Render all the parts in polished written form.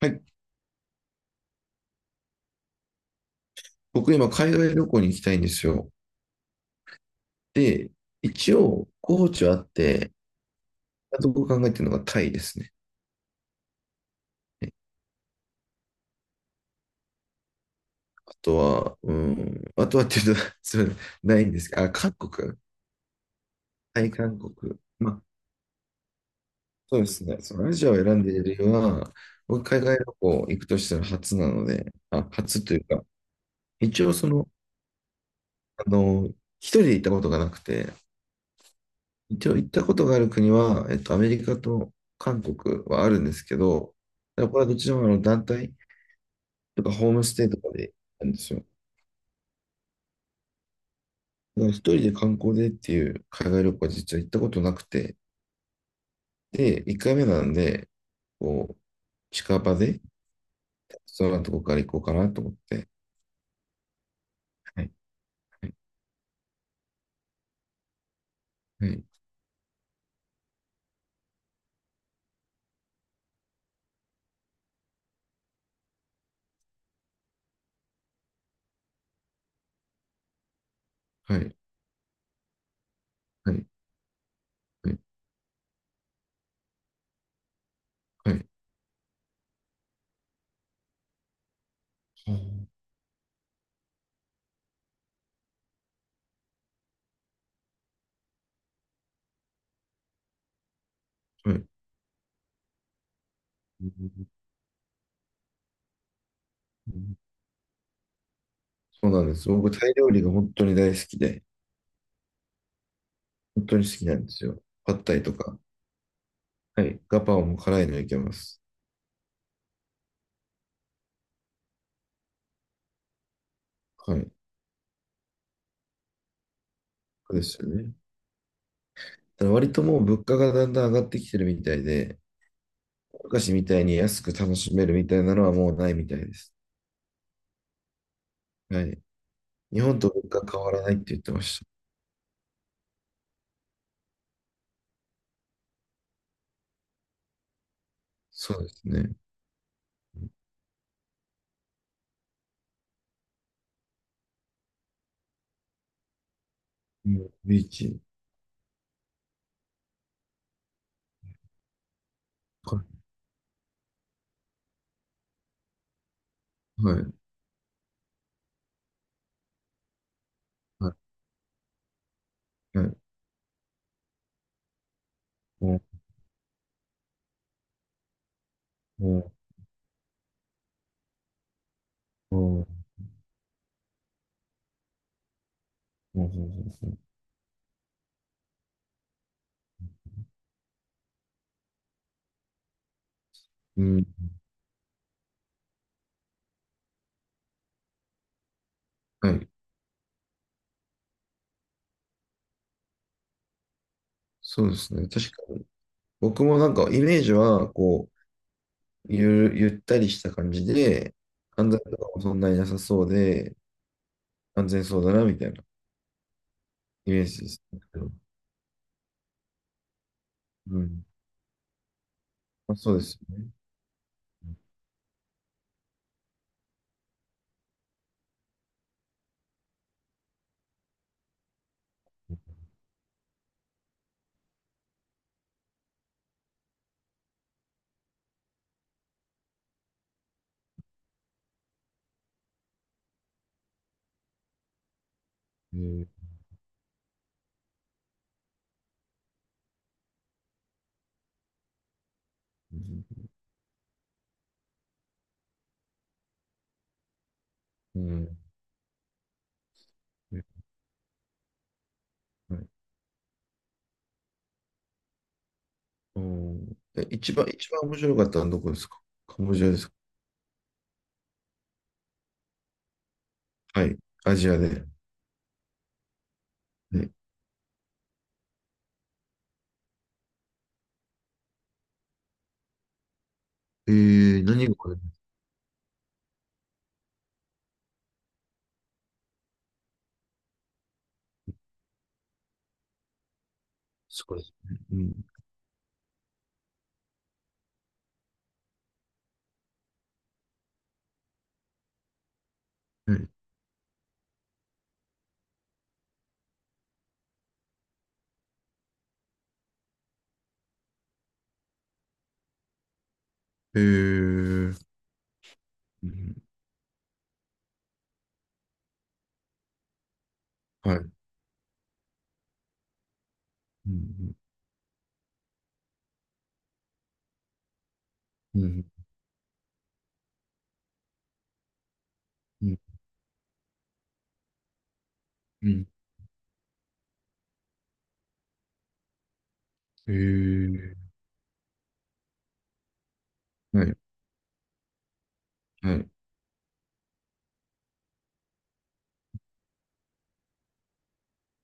はい、僕今海外旅行に行きたいんですよ。で、一応候補地はあって、あと僕考えてるのがタイですね。あとは、うん、あとはっていうと それないんですけど、あ、韓国、タイ、韓国。まあ、そうですね。そのアジアを選んでいる理由は、僕海外旅行行くとしたら初なので、あ、初というか、一応その、あの、一人で行ったことがなくて、一応行ったことがある国は、アメリカと韓国はあるんですけど、ただこれはどちらもあの団体、とかホームステイとかでなんですよ。だから一人で観光でっていう海外旅行は実は行ったことなくて、で、一回目なんで、こう、近場で、そんなとこから行こうかなと思って。はい、はい、はい、はい、はい、はい、はい。はい、そうなんです。僕、タイ料理が本当に大好きで、本当に好きなんですよ。パッタイとか、はい、ガパオも辛いのいけます。はい、そうですよね。ただから割ともう物価がだんだん上がってきてるみたいで、昔みたいに安く楽しめるみたいなのはもうないみたいです。はい。日本と物価変わらないって言ってました。そうですね。うん、ビーチ。はい。はい。はい。はい、おお、おお、お、うん。はい。そうですね。確かに。僕もなんかイメージは、こう、ゆる、ゆったりした感じで、犯罪とかもそんなになさそうで、安全そうだな、みたいなイメージですけど。うん。まあ、そうですよね。えー、うん。うん、はい、うん。え、一番、一番面白かったのはどこですか？カンボジアですか？はい。アジアで。ね、えー、何が？すごいですね。うん。はい。えー、うん、はい。うん、うん、うん、うん。えー、はい、はい。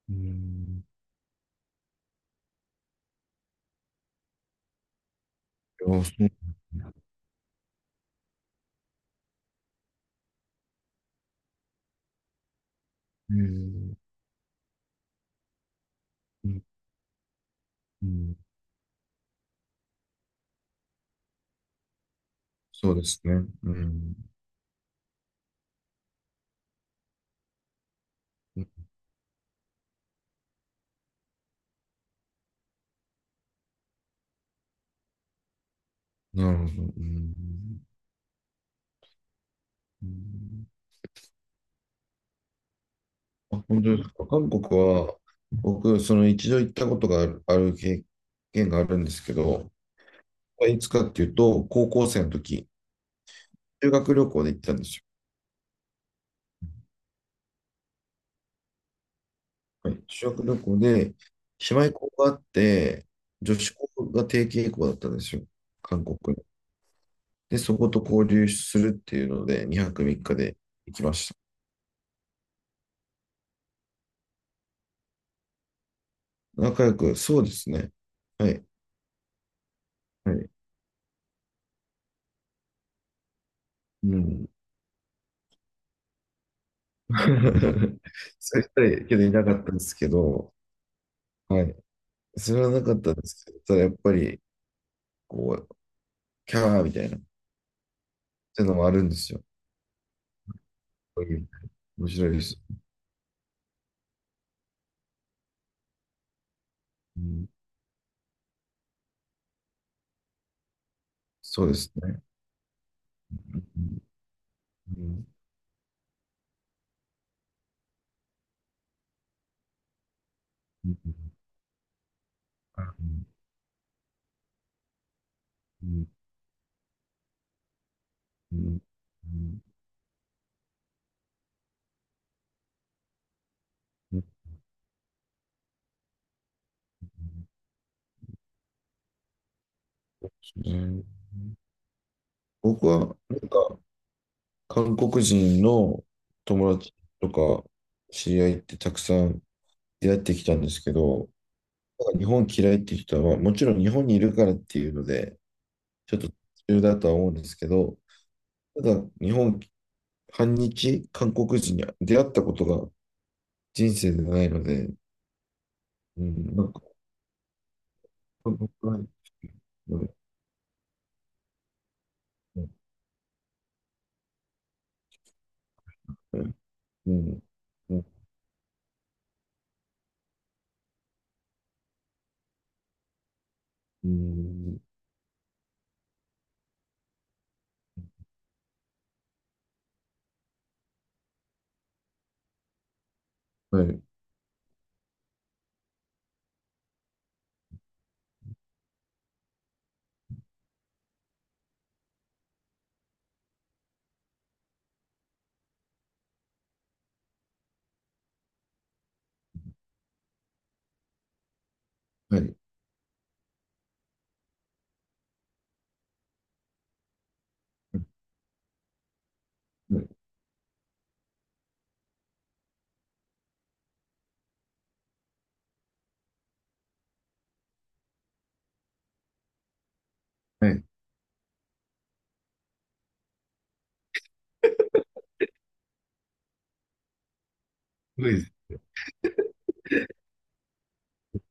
うん。あ、そうなんだ。えー、うん、うん。そうですね。うん。なるほど。うん。うん、あ本当ですか。韓国は、僕、その一度行ったことがある、ある経験があるんですけど、いつかっていうと、高校生の時、修学旅行で行ったんですよ。はい、修学旅行で、姉妹校があって、女子校が定型校だったんですよ。韓国の。で、そこと交流するっていうので、2泊3日で行きました。仲良く、そうですね。はい。はい。うん。そう言ったらいいけどいなかったんですけど、はい。それはなかったんですけど、ただやっぱり、こう、キャーみたいな、っていうのもあるんですよ。こういう面白いです。うん、そうですね。うん、うん、うん、うん、うん、うん、うん、僕は、なんか、韓国人の友達とか、知り合いってたくさん出会ってきたんですけど、なんか日本嫌いっていう人は、もちろん日本にいるからっていうので、ちょっと途中だとは思うんですけど、ただ日本、反日韓国人に出会ったことが人生でないので、うん、なんか、韓国はい、うん、うん、うん、うん、うん、はい、はい、はい、はい。はい。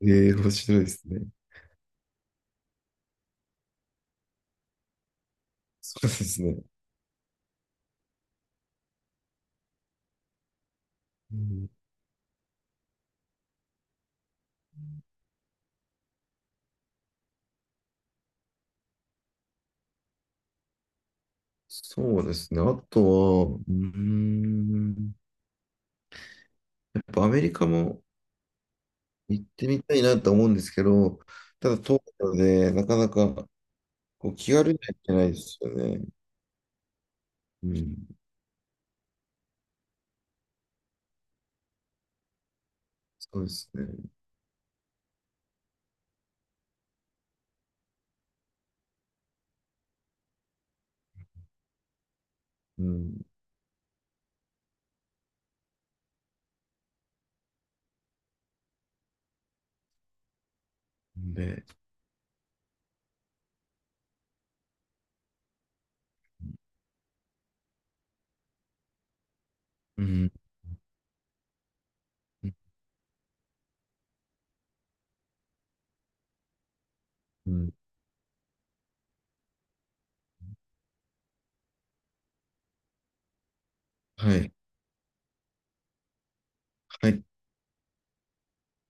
ええー、面白いですね。そうですね。うん、そうですね。あとは、うーん、やっぱアメリカも行ってみたいなと思うんですけど、ただ東京でなかなかこう気軽には行けないですよね。うん、そうですね。うん。で、うん、うん。はい、入っ